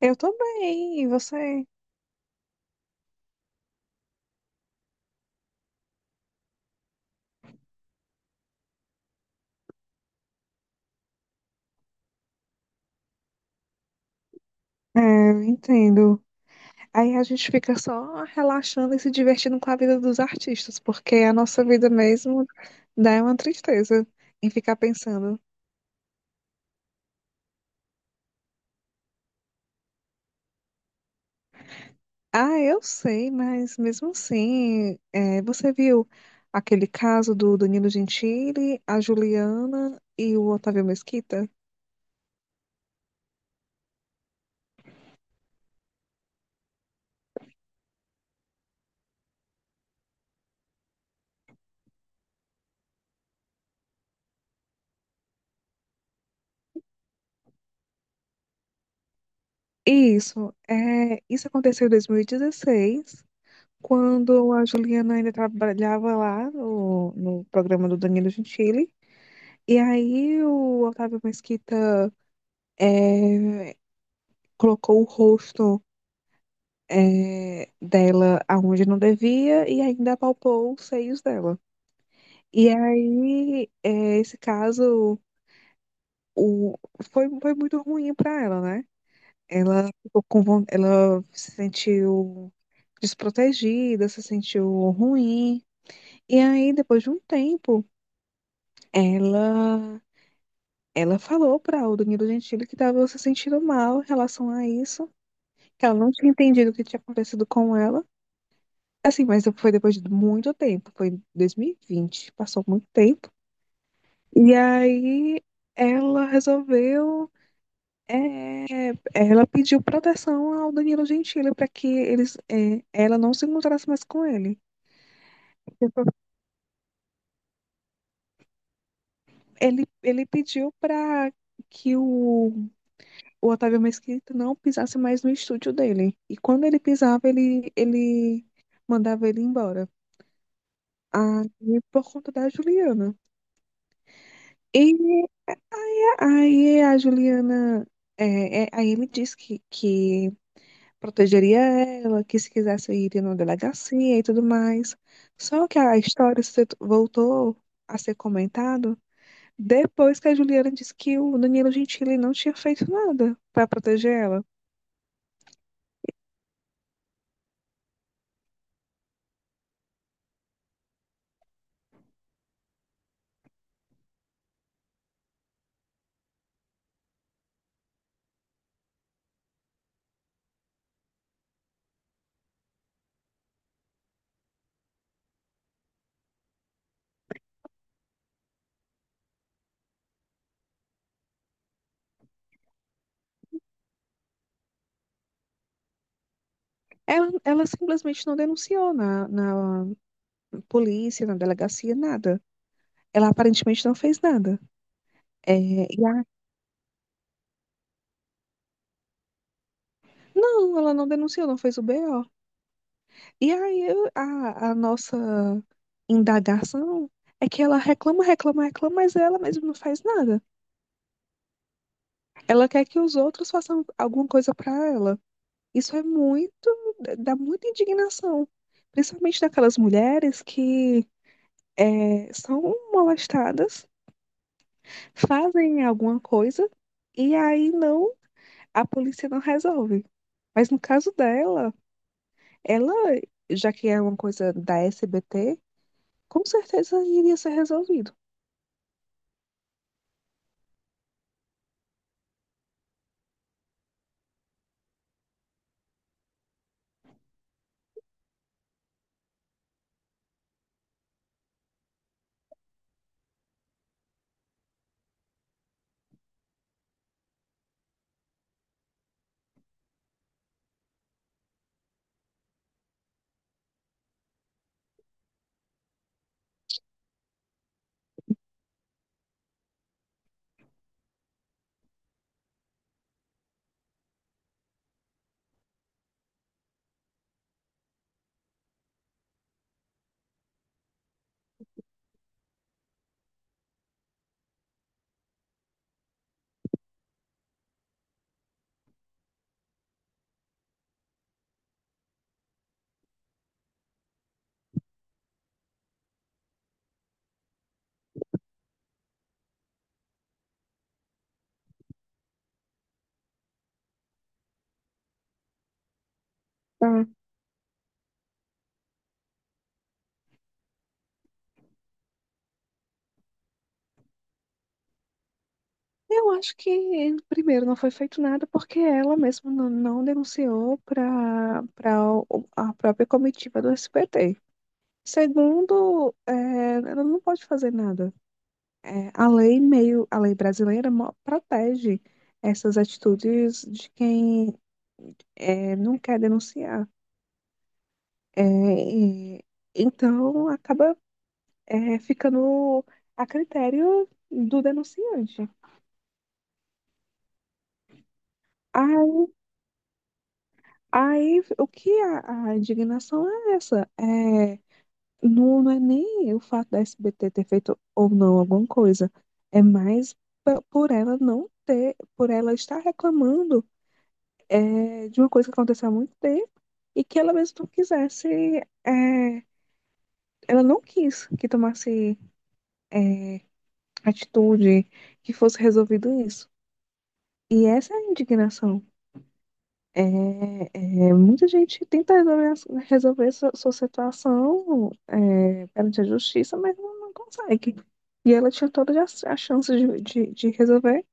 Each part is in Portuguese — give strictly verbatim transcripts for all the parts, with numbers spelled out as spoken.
Eu tô bem, e você? É, eu entendo. Aí a gente fica só relaxando e se divertindo com a vida dos artistas, porque a nossa vida mesmo dá uma tristeza em ficar pensando. Ah, eu sei, mas mesmo assim, é, você viu aquele caso do Danilo Gentili, a Juliana e o Otávio Mesquita? Isso, é, isso aconteceu em dois mil e dezesseis, quando a Juliana ainda trabalhava lá no, no programa do Danilo Gentili. E aí o Otávio Mesquita eh, colocou o rosto eh, dela aonde não devia e ainda apalpou os seios dela. E aí eh, esse caso o, foi, foi muito ruim para ela, né? Ela ficou com, von- Ela se sentiu desprotegida, se sentiu ruim. E aí, depois de um tempo, Ela, ela falou para o Danilo Gentili que estava se sentindo mal em relação a isso, que ela não tinha entendido o que tinha acontecido com ela. Assim, mas foi depois de muito tempo, foi em dois mil e vinte, passou muito tempo. E aí ela resolveu, é, é, ela pediu proteção ao Danilo Gentili para que eles, é, ela não se encontrasse mais com ele. Ele, ele pediu para que o o Otávio Mesquita não pisasse mais no estúdio dele. E quando ele pisava, ele, ele mandava ele embora. Aí, por conta da Juliana. E aí, aí a Juliana. É, é, aí ele disse que, que protegeria ela, que se quisesse ir numa delegacia e tudo mais. Só que a história se- voltou a ser comentado depois que a Juliana disse que o Danilo Gentili não tinha feito nada para proteger ela. Ela, ela simplesmente não denunciou na, na polícia, na delegacia, nada. Ela aparentemente não fez nada. É, e a- não, ela não denunciou, não fez o B O. E aí eu- a, a nossa indagação é que ela reclama, reclama, reclama, mas ela mesma não faz nada. Ela quer que os outros façam alguma coisa para ela. Isso é muito, Dá muita indignação, principalmente daquelas mulheres que é, são molestadas, fazem alguma coisa e aí não, a polícia não resolve. Mas no caso dela, ela, já que é uma coisa da S B T, com certeza iria ser resolvido. Tá. Eu acho que, primeiro, não foi feito nada porque ela mesma não, não denunciou para para a própria comitiva do S B T. Segundo, é, ela não pode fazer nada. É, a lei meio, a lei brasileira mo- protege essas atitudes de quem é, não quer denunciar. É, e- então, acaba é, ficando a critério do denunciante. Aí, Aí, o que a, a indignação é essa? É, Não, não é nem o fato da S B T ter feito ou não alguma coisa. É mais p- por ela não ter, por ela estar reclamando é, de uma coisa que aconteceu há muito tempo e que ela mesmo não quisesse. é, Ela não quis que tomasse é, atitude, que fosse resolvido isso. E essa é a indignação. É, é, Muita gente tenta resolver, as- resolver sua, sua situação é, perante a justiça, mas não, não consegue. E ela tinha todas as as chances de, de, de resolver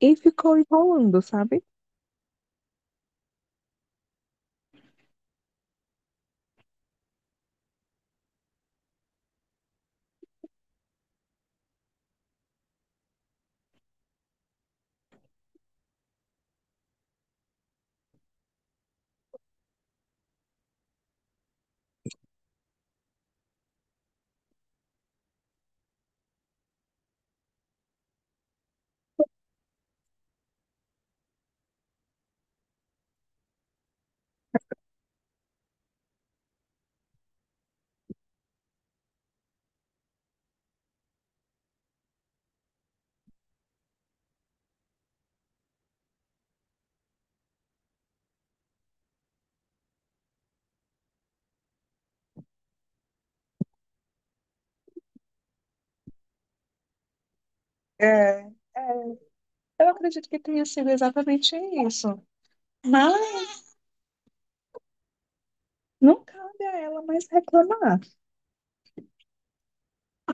e ficou enrolando, sabe? É, é, eu acredito que tenha sido exatamente isso. Mas não cabe a ela mais reclamar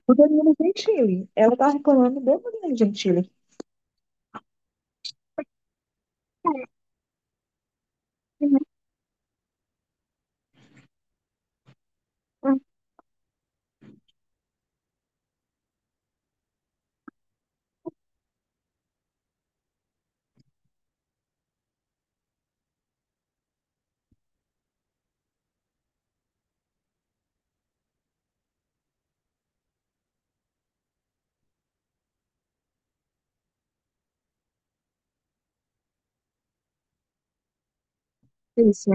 do Danilo Gentili. Ela está reclamando do Danilo Gentili. Isso,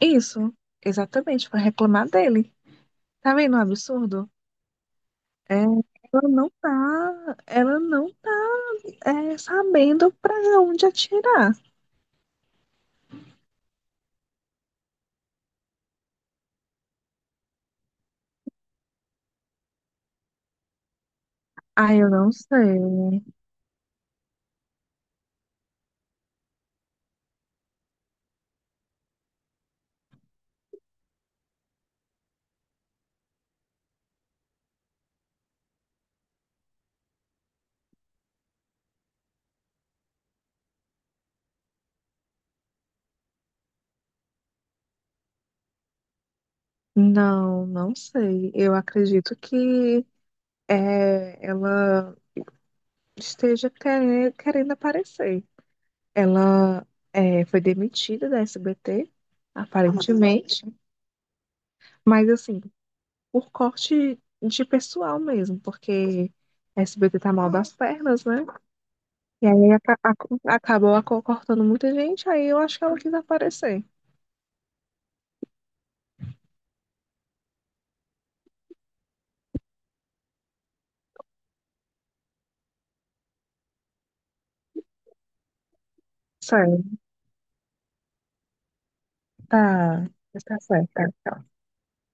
isso, exatamente, para reclamar dele. Tá vendo o absurdo? É, ela não tá, ela não tá, é, sabendo pra onde atirar. Ah, eu não sei. Não, não sei. Eu acredito que é, ela esteja querendo, querendo aparecer. Ela é, foi demitida da S B T, aparentemente, mas assim, por corte de pessoal mesmo, porque a S B T tá mal das pernas, né? E aí aca- acu- acabou aco- cortando muita gente, aí eu acho que ela quis aparecer. Sério, tá, tá certo, tá.